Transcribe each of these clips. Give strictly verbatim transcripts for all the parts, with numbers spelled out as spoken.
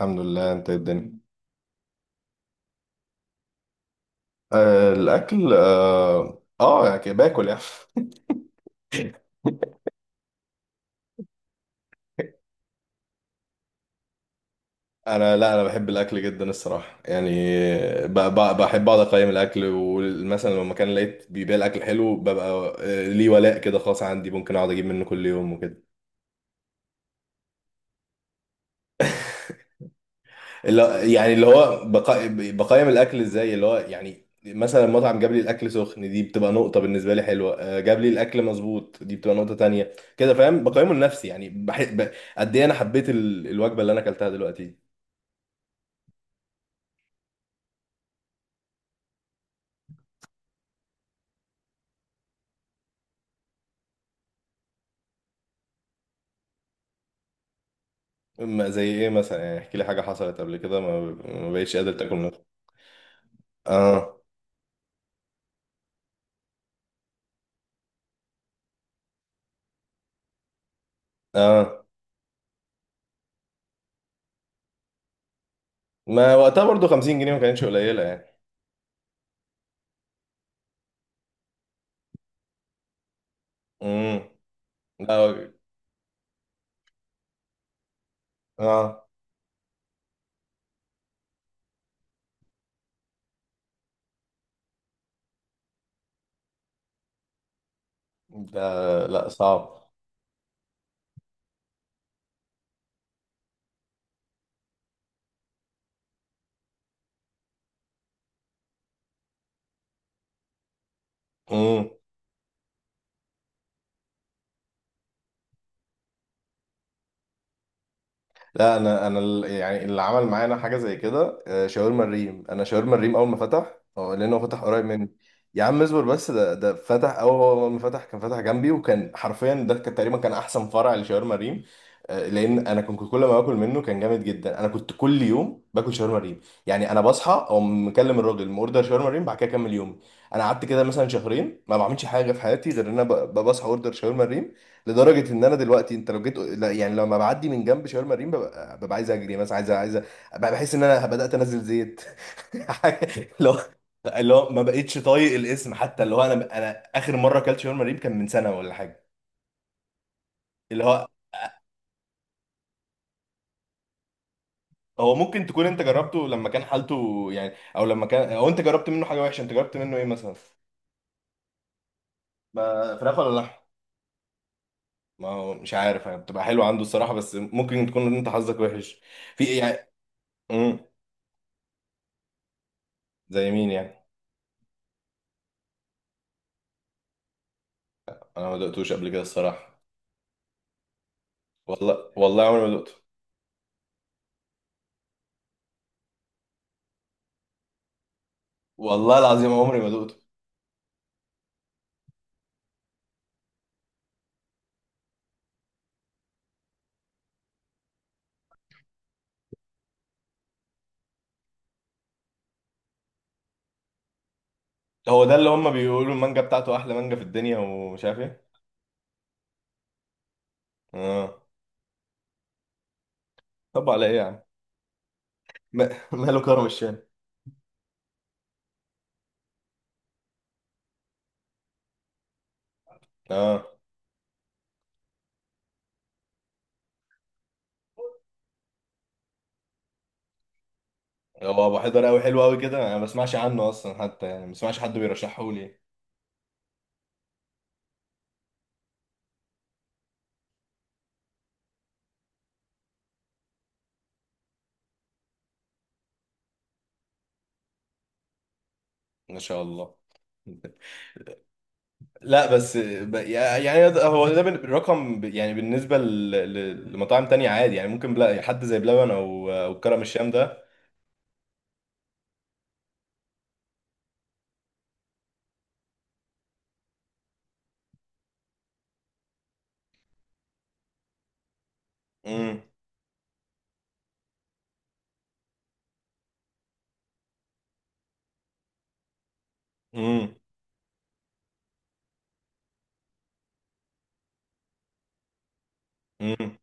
الحمد لله. انت إيه الدنيا؟ آه الاكل اه، آه يعني كده باكل يعني. انا لا انا بحب الاكل جدا الصراحه يعني. ب- ب- بحب اقعد اقيم الاكل، ومثلا لو مكان لقيت بيبيع الاكل حلو ببقى آه، ليه ولاء كده خاص عندي، ممكن اقعد اجيب منه كل يوم وكده. اللي يعني اللي هو بقا... بقيم الاكل ازاي؟ اللي هو يعني مثلا المطعم جاب لي الاكل سخن، دي بتبقى نقطه بالنسبه لي حلوه، آه، جاب لي الاكل مظبوط، دي بتبقى نقطه تانية، كده فاهم؟ بقيمه لنفسي يعني بح... ب... قد ايه انا حبيت ال... الوجبه اللي انا اكلتها دلوقتي. ما زي ايه مثلا؟ يعني احكي لي حاجه حصلت قبل كده ما, ما بقتش قادر تاكل منها. اه. اه، ما وقتها برضو خمسين جنيه ما كانتش قليله يعني. امم. لا. اه ده لا صعب. لا انا انا ال- يعني اللي عمل معانا حاجه زي كده، آه، شاورما الريم. انا شاورما الريم اول ما فتح، اه، لانه فتح قريب مني. يا عم اصبر بس، ده ده فتح، اول ما فتح كان فتح جنبي، وكان حرفيا ده كان تقريبا كان احسن فرع لشاورما الريم، آه، لان انا كنت كل ما باكل منه كان جامد جدا. انا كنت كل يوم باكل شاورما الريم، يعني انا بصحى اقوم مكلم الراجل اوردر شاورما الريم، بعد كده اكمل يومي. انا قعدت كده مثلا شهرين ما بعملش حاجه في حياتي غير ان انا ب- ب- بصحى اوردر شاورما الريم. لدرجه ان انا دلوقتي انت لو جيت، لا يعني لما بعدي من جنب شاورما مريم ببقى, ببقى عايز اجري، مثلا عايز عايز ببقى بحس ان انا بدات انزل زيت. اللي هو، اللي هو ما بقتش طايق الاسم حتى. اللي هو انا انا اخر مره اكلت شاورما مريم كان من سنه ولا حاجه. اللي هو هو ممكن تكون انت جربته لما كان حالته يعني، او لما كان، او انت جربت منه حاجه وحشه، انت جربت منه ايه مثلا؟ ما فراخ ولا لحم؟ ما هو مش عارف يعني، بتبقى حلوه عنده الصراحه، بس ممكن تكون انت حظك وحش. في إيه يعني؟ امم. زي مين يعني؟ انا ما دقتوش قبل كده الصراحه. والله والله عمري ما دقته. والله العظيم عمري ما دقته. هو ده اللي هم بيقولوا المانجا بتاعته احلى مانجا في الدنيا ومش عارف ايه؟ اه. طب على ايه يا عم؟ ما- ماله كرم الشام؟ اه. هو ابو حيدر قوي حلو قوي كده؟ انا ما بسمعش عنه اصلا حتى، يعني ما بسمعش حد بيرشحه لي. ما شاء الله. لا بس ب- يعني ده- هو ده بال- رقم ب- يعني بالنسبه ل- ل- لمطاعم تانية عادي، يعني ممكن بلا حد زي بلبن او او كرم الشام ده. امم. امم. امم.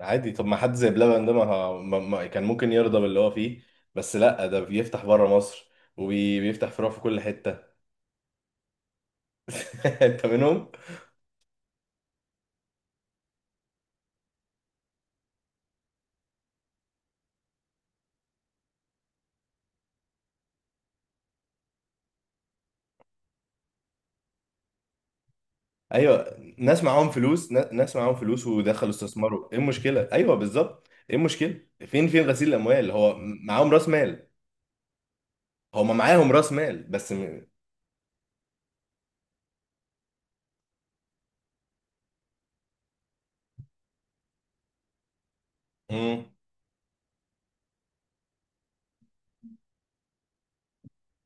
عادي، طب ما حد زي بلبن ده ما, ه- ما, ما كان ممكن يرضى باللي هو فيه؟ بس لا ده بيفتح بره مصر وبيفتح فروع في كل حتة. انت منهم؟ ايوه ناس معاهم فلوس، نا- ناس معاهم فلوس ودخلوا استثمروا، ايه المشكلة؟ ايوه بالظبط، ايه المشكلة؟ فين فين غسيل الاموال؟ هو معاهم راس مال. هما معاهم راس مال بس م... مم.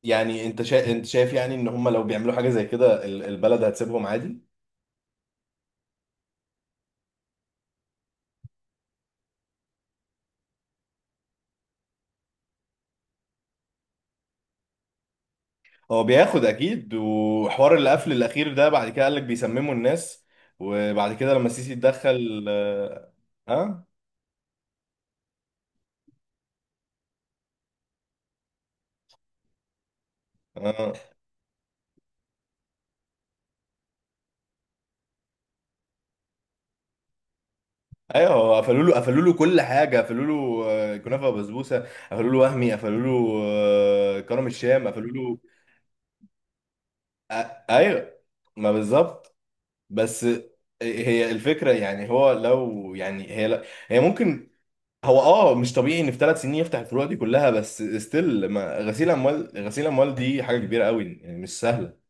يعني انت شا... انت شايف يعني ان هما لو بيعملوا حاجة زي كده ال- البلد هتسيبهم عادي؟ هو بياخد اكيد. وحوار القفل الاخير ده بعد كده قال لك بيسمموا الناس، وبعد كده لما السيسي اتدخل. اه. اه. آه. ايوه هو قفلوا له، قفلوا له كل حاجه، قفلوا له آه، كنافه وبسبوسه، قفلوا له وهمي، قفلوا له آه، كرم الشام قفلوا له. آه، ايوه ما بالظبط. بس هي الفكره يعني هو لو، يعني هي لا هي ممكن هو اه مش طبيعي ان في ثلاث سنين يفتح الفروع دي كلها، بس ستيل ما، غسيل اموال، غسيل اموال دي حاجه كبيره قوي يعني مش سهله.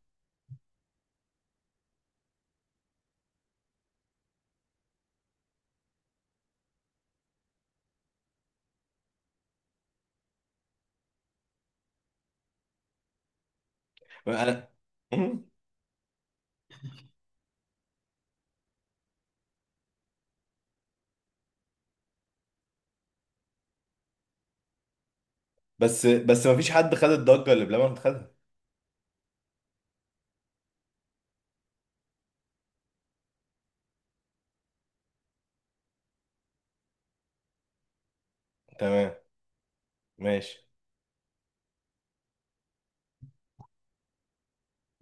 انا. مم. بس بس ما فيش حد خد الضجه اللي بلبن خدها. تمام. ماشي.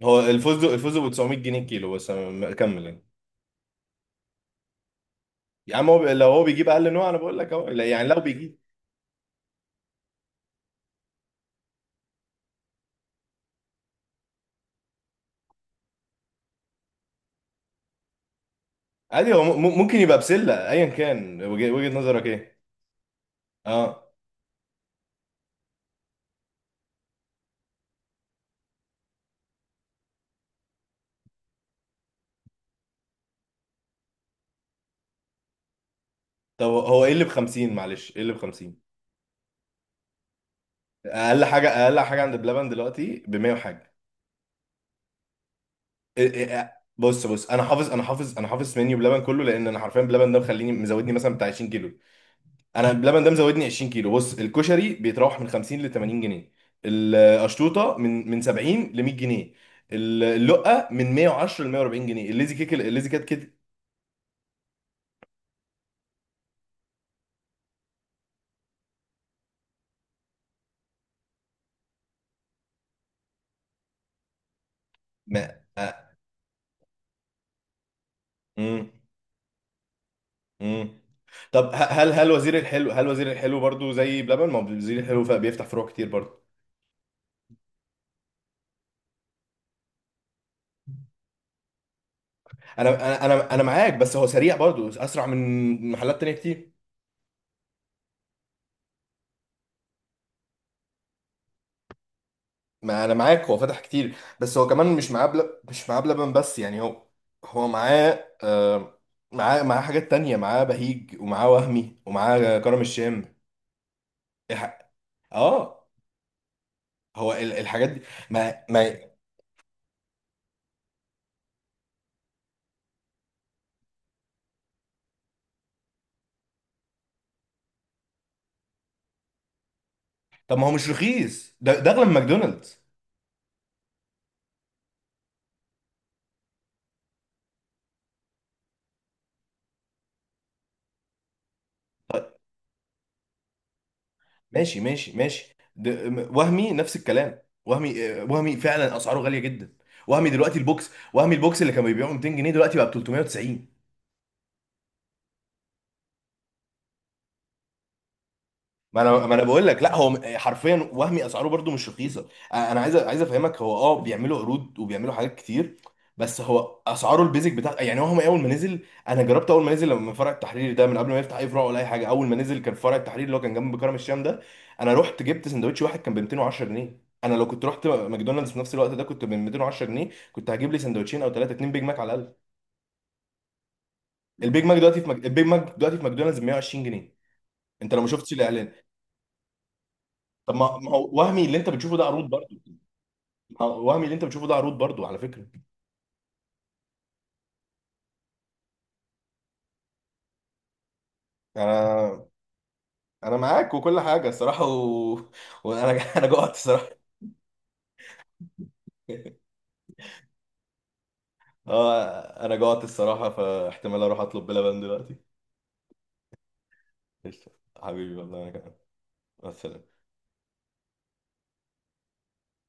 هو الفوز، الفوز ب تسعمية جنيه الكيلو، بس أنا م- كمل يعني. يا عم هو ب- لو هو بيجيب اقل نوع انا بقول لك اهو، لا، يعني لو بيجيب عادي هو م- ممكن يبقى بسله، ايا كان وجه- وجهه نظرك ايه. اه. طب هو ايه اللي ب خمسين؟ معلش ايه اللي ب خمسين؟ اقل حاجه اقل حاجه عند بلبن دلوقتي ب مية وحاجه. إيه- إيه- إيه، بص بص، انا حافظ انا حافظ انا حافظ منيو بلبن كله، لان انا حرفيا بلبن ده مخليني مزودني مثلا بتاع عشرين كيلو. انا بلبن ده مزودني عشرين كيلو. بص الكشري بيتراوح من خمسين ل تمانين جنيه، القشطوطه من من سبعين ل مية جنيه، اللقه من مئة وعشرة ل مئة واربعين جنيه، الليزي كيك، الليزي كات كده. ما آه. مم. مم. طب ه- هل هل وزير الحلو، هل وزير الحلو برضو زي بلبن؟ ما هو وزير الحلو ف- بيفتح فروع كتير برضو. انا انا انا أنا معاك، بس هو سريع برضو اسرع من محلات تانية كتير. ما انا معاك، هو فتح كتير بس هو كمان مش معاه بل... مش معاه بلبن بس، يعني هو هو معاه آه... معاه، معاه حاجات تانية، معاه بهيج، ومعاه وهمي، ومعاه كرم الشام. الح... اه هو ال... الحاجات دي ما... ما طب ما هو مش رخيص ده؟ ده اغلى من ماكدونالدز. ماشي ماشي ماشي ده... م- وهمي نفس الكلام. وهمي آه، وهمي فعلا اسعاره غالية جدا. وهمي دلوقتي البوكس، وهمي البوكس اللي كان بيبيعه ميتين جنيه دلوقتي بقى ب تلتمية وتسعين. ما انا ما انا بقول لك لا، هو حرفيا وهمي اسعاره برضو مش رخيصه. انا عايز عايز افهمك، هو اه بيعملوا عروض وبيعملوا حاجات كتير، بس هو اسعاره البيزك بتاع، يعني هو اول ما نزل، انا جربت اول ما نزل لما فرع التحرير ده من قبل ما يفتح اي فروع ولا اي حاجه، اول ما نزل كان فرع التحرير اللي هو كان جنب كرم الشام ده، انا رحت جبت سندوتش واحد كان ب ميتين وعشرة جنيه. انا لو كنت رحت ماكدونالدز في نفس الوقت ده كنت ب ميتين وعشرة جنيه كنت هجيب لي سندوتشين او ثلاثه، اتنين بيج ماك على الاقل. البيج ماك دلوقتي في مك... البيج ماك دلوقتي في ماكدونالدز ب مية وعشرين جنيه. انت لو ما شفتش الاعلان. طب ما ما هو وهمي اللي انت بتشوفه ده عروض، وهمي اللي انت بتشوفه ده عروض برضو على فكره. انا انا معاك وكل حاجه الصراحه و... وانا انا جوعت الصراحه. اه انا جوعت الصراحه، فاحتمال اروح اطلب بلبن دلوقتي. قشطة. حبيبي والله انا كمان. مع السلامه.